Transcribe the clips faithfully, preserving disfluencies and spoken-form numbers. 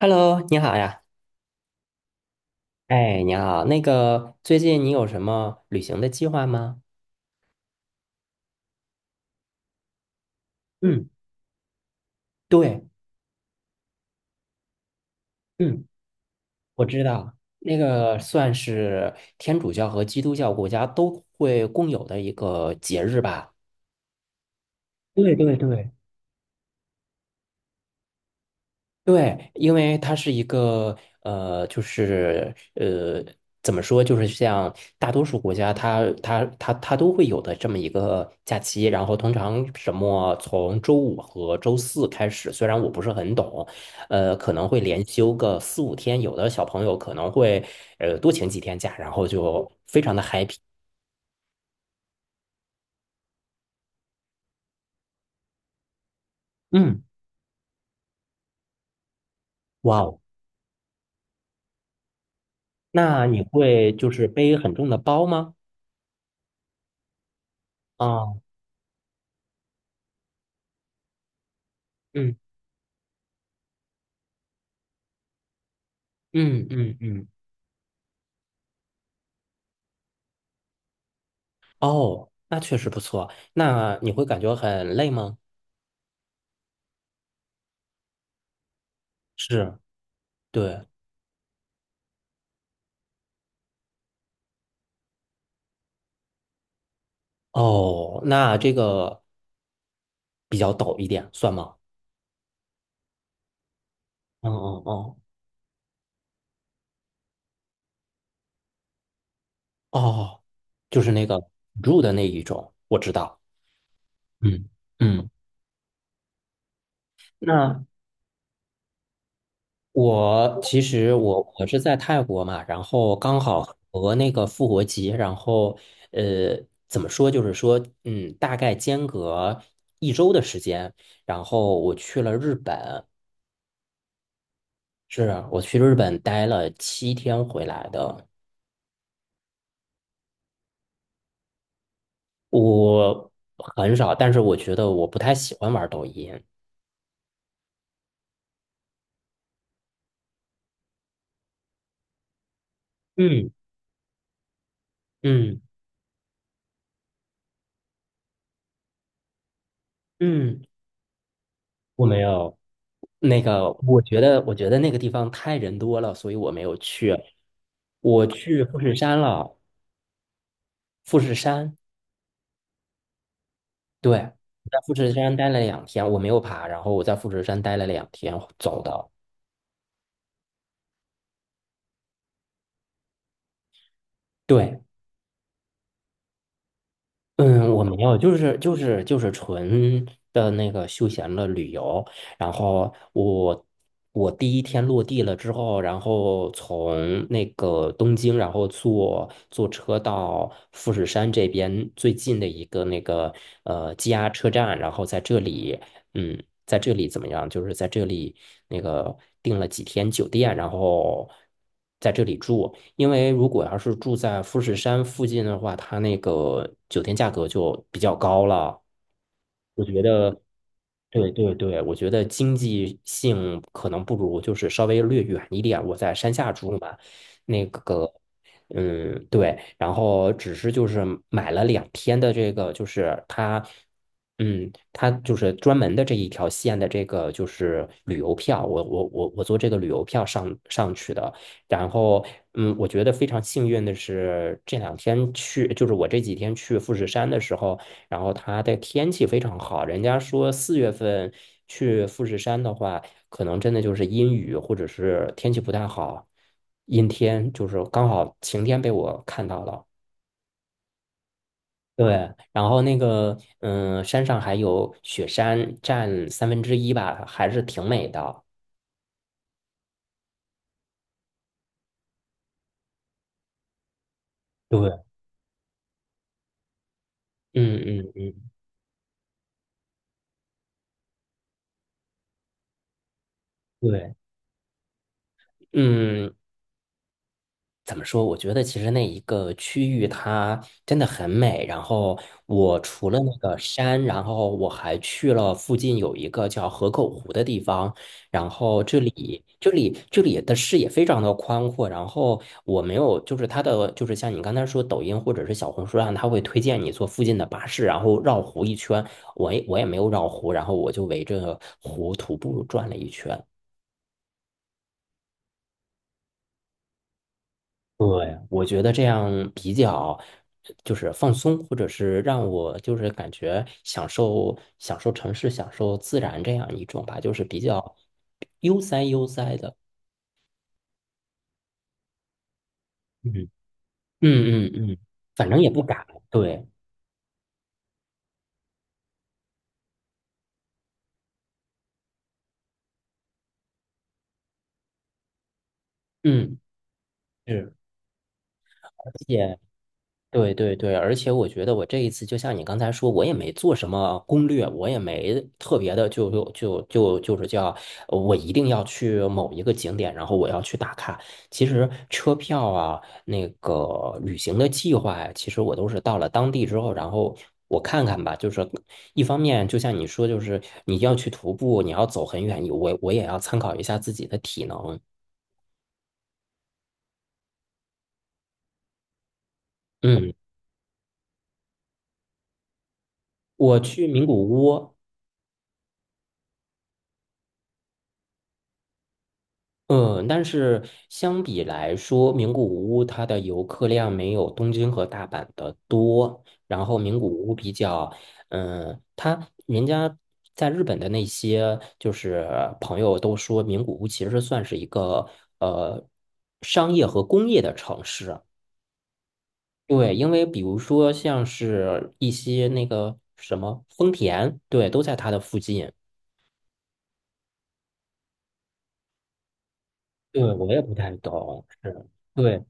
Hello，你好呀。哎，你好，那个最近你有什么旅行的计划吗？嗯，对，嗯，我知道，那个算是天主教和基督教国家都会共有的一个节日吧。对对对。对，因为它是一个呃，就是呃，怎么说，就是像大多数国家它，它它它都会有的这么一个假期。然后通常什么从周五和周四开始，虽然我不是很懂，呃，可能会连休个四五天。有的小朋友可能会呃多请几天假，然后就非常的 happy。嗯，哇哦，那你会就是背很重的包吗？啊，嗯嗯嗯嗯。哦，那确实不错。那你会感觉很累吗？是，对。哦，那这个比较陡一点，算吗？嗯嗯嗯，哦，就是那个辅助的那一种，我知道。嗯嗯，那我其实我我是在泰国嘛，然后刚好和那个复活节，然后呃，怎么说，就是说，嗯，大概间隔一周的时间，然后我去了日本。是啊，我去日本待了七天回来的，我很少，但是我觉得我不太喜欢玩抖音。嗯嗯嗯，我没有。那个，我觉得，我觉得那个地方太人多了，所以我没有去。我去富士山了，富士山，对，在富士山待了两天，我没有爬，然后我在富士山待了两天走的，对，嗯，我没有，就是就是就是纯的那个休闲的旅游。然后我我第一天落地了之后，然后从那个东京，然后坐坐车到富士山这边最近的一个那个呃 J R 车站，然后在这里嗯，在这里怎么样？就是在这里那个订了几天酒店，然后在这里住。因为如果要是住在富士山附近的话，它那个酒店价格就比较高了。我觉得，对对对，我觉得经济性可能不如，就是稍微略远一点。我在山下住嘛，那个，嗯，对，然后只是就是买了两天的这个，就是它，嗯，它就是专门的这一条线的这个就是旅游票，我我我我坐这个旅游票上上去的。然后，嗯，我觉得非常幸运的是，这两天去，就是我这几天去富士山的时候。然后它的天气非常好，人家说四月份去富士山的话，可能真的就是阴雨或者是天气不太好，阴天就是刚好晴天被我看到了。对，然后那个嗯，山上还有雪山，占三分之一吧，还是挺美的。对，嗯嗯嗯，对，嗯，怎么说？我觉得其实那一个区域它真的很美。然后我除了那个山，然后我还去了附近有一个叫河口湖的地方。然后这里这里这里的视野非常的宽阔。然后我没有，就是它的就是像你刚才说抖音或者是小红书上，它会推荐你坐附近的巴士，然后绕湖一圈。我也我也没有绕湖，然后我就围着湖徒步转了一圈。对，我觉得这样比较就是放松，或者是让我就是感觉享受享受城市、享受自然这样一种吧，就是比较悠哉悠哉的。嗯嗯嗯嗯，反正也不赶。对，嗯是，而且。对对对，而且我觉得我这一次就像你刚才说，我也没做什么攻略，我也没特别的就就就就就是叫呃我一定要去某一个景点，然后我要去打卡。其实车票啊，那个旅行的计划呀，其实我都是到了当地之后，然后我看看吧。就是一方面，就像你说，就是你要去徒步，你要走很远，我我也要参考一下自己的体能。嗯，我去名古屋。嗯，但是相比来说，名古屋它的游客量没有东京和大阪的多。然后名古屋比较，嗯，它人家在日本的那些就是朋友都说，名古屋其实算是一个呃商业和工业的城市。对，因为比如说像是一些那个什么丰田，对，都在它的附近。对，我也不太懂，是。对。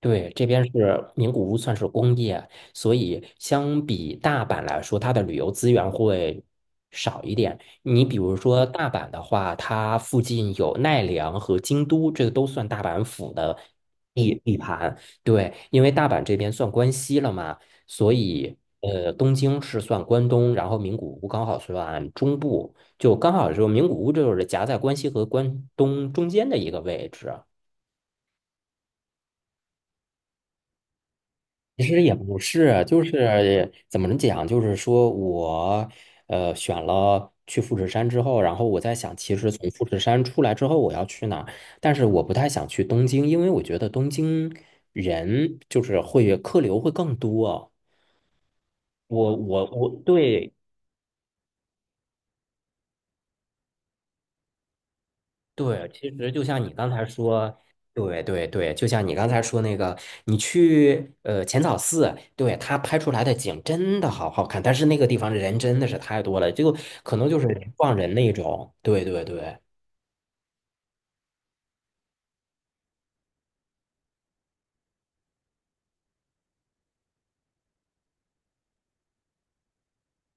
对，这边是名古屋，算是工业，所以相比大阪来说，它的旅游资源会少一点。你比如说大阪的话，它附近有奈良和京都，这个都算大阪府的地地盘。对，因为大阪这边算关西了嘛，所以呃，东京是算关东，然后名古屋刚好算中部，就刚好就名古屋就是夹在关西和关东中间的一个位置。其实也不是，就是怎么讲，就是说我呃选了去富士山之后，然后我在想，其实从富士山出来之后我要去哪儿？但是我不太想去东京，因为我觉得东京人就是会客流会更多。我我我对对，其实就像你刚才说，对对对，就像你刚才说那个，你去呃浅草寺，对，他拍出来的景真的好好看，但是那个地方人真的是太多了，就可能就是人撞人那种。对对对，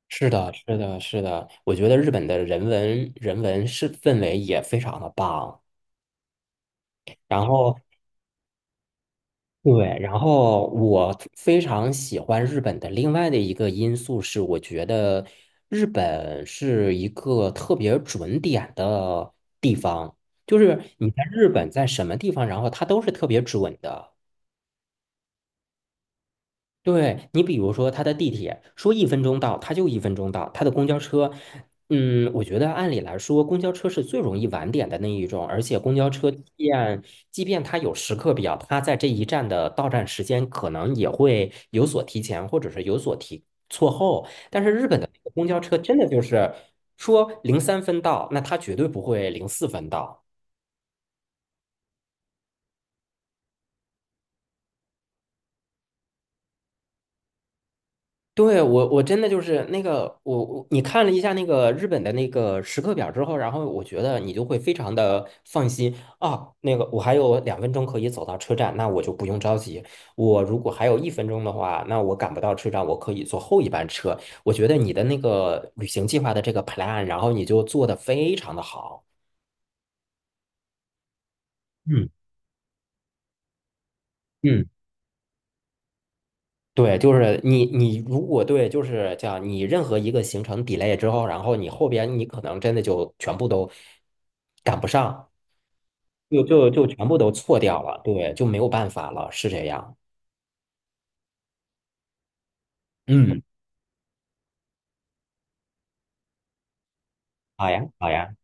是的，是的，是的，我觉得日本的人文人文是氛围也非常的棒。然后对，然后我非常喜欢日本的另外的一个因素是，我觉得日本是一个特别准点的地方，就是你在日本在什么地方，然后它都是特别准的。对你，比如说他的地铁说一分钟到，他就一分钟到；他的公交车，嗯，我觉得按理来说，公交车是最容易晚点的那一种，而且公交车即便即便它有时刻表，它在这一站的到站时间可能也会有所提前，或者是有所提错后。但是日本的那个公交车真的就是说零三分到，那它绝对不会零四分到。对，我我真的就是那个我我你看了一下那个日本的那个时刻表之后，然后我觉得你就会非常的放心啊。那个我还有两分钟可以走到车站，那我就不用着急。我如果还有一分钟的话，那我赶不到车站，我可以坐后一班车。我觉得你的那个旅行计划的这个 plan，然后你就做的非常的好。嗯嗯。对，就是你，你如果对，就是叫你任何一个行程 delay 之后，然后你后边你可能真的就全部都赶不上，就就就全部都错掉了，对，就没有办法了，是这样。嗯，好呀，好呀，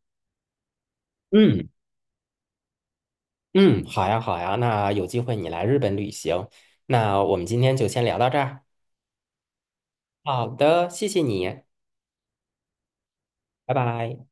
嗯嗯，好呀，好呀，那有机会你来日本旅行，那我们今天就先聊到这儿。好的，谢谢你，拜拜。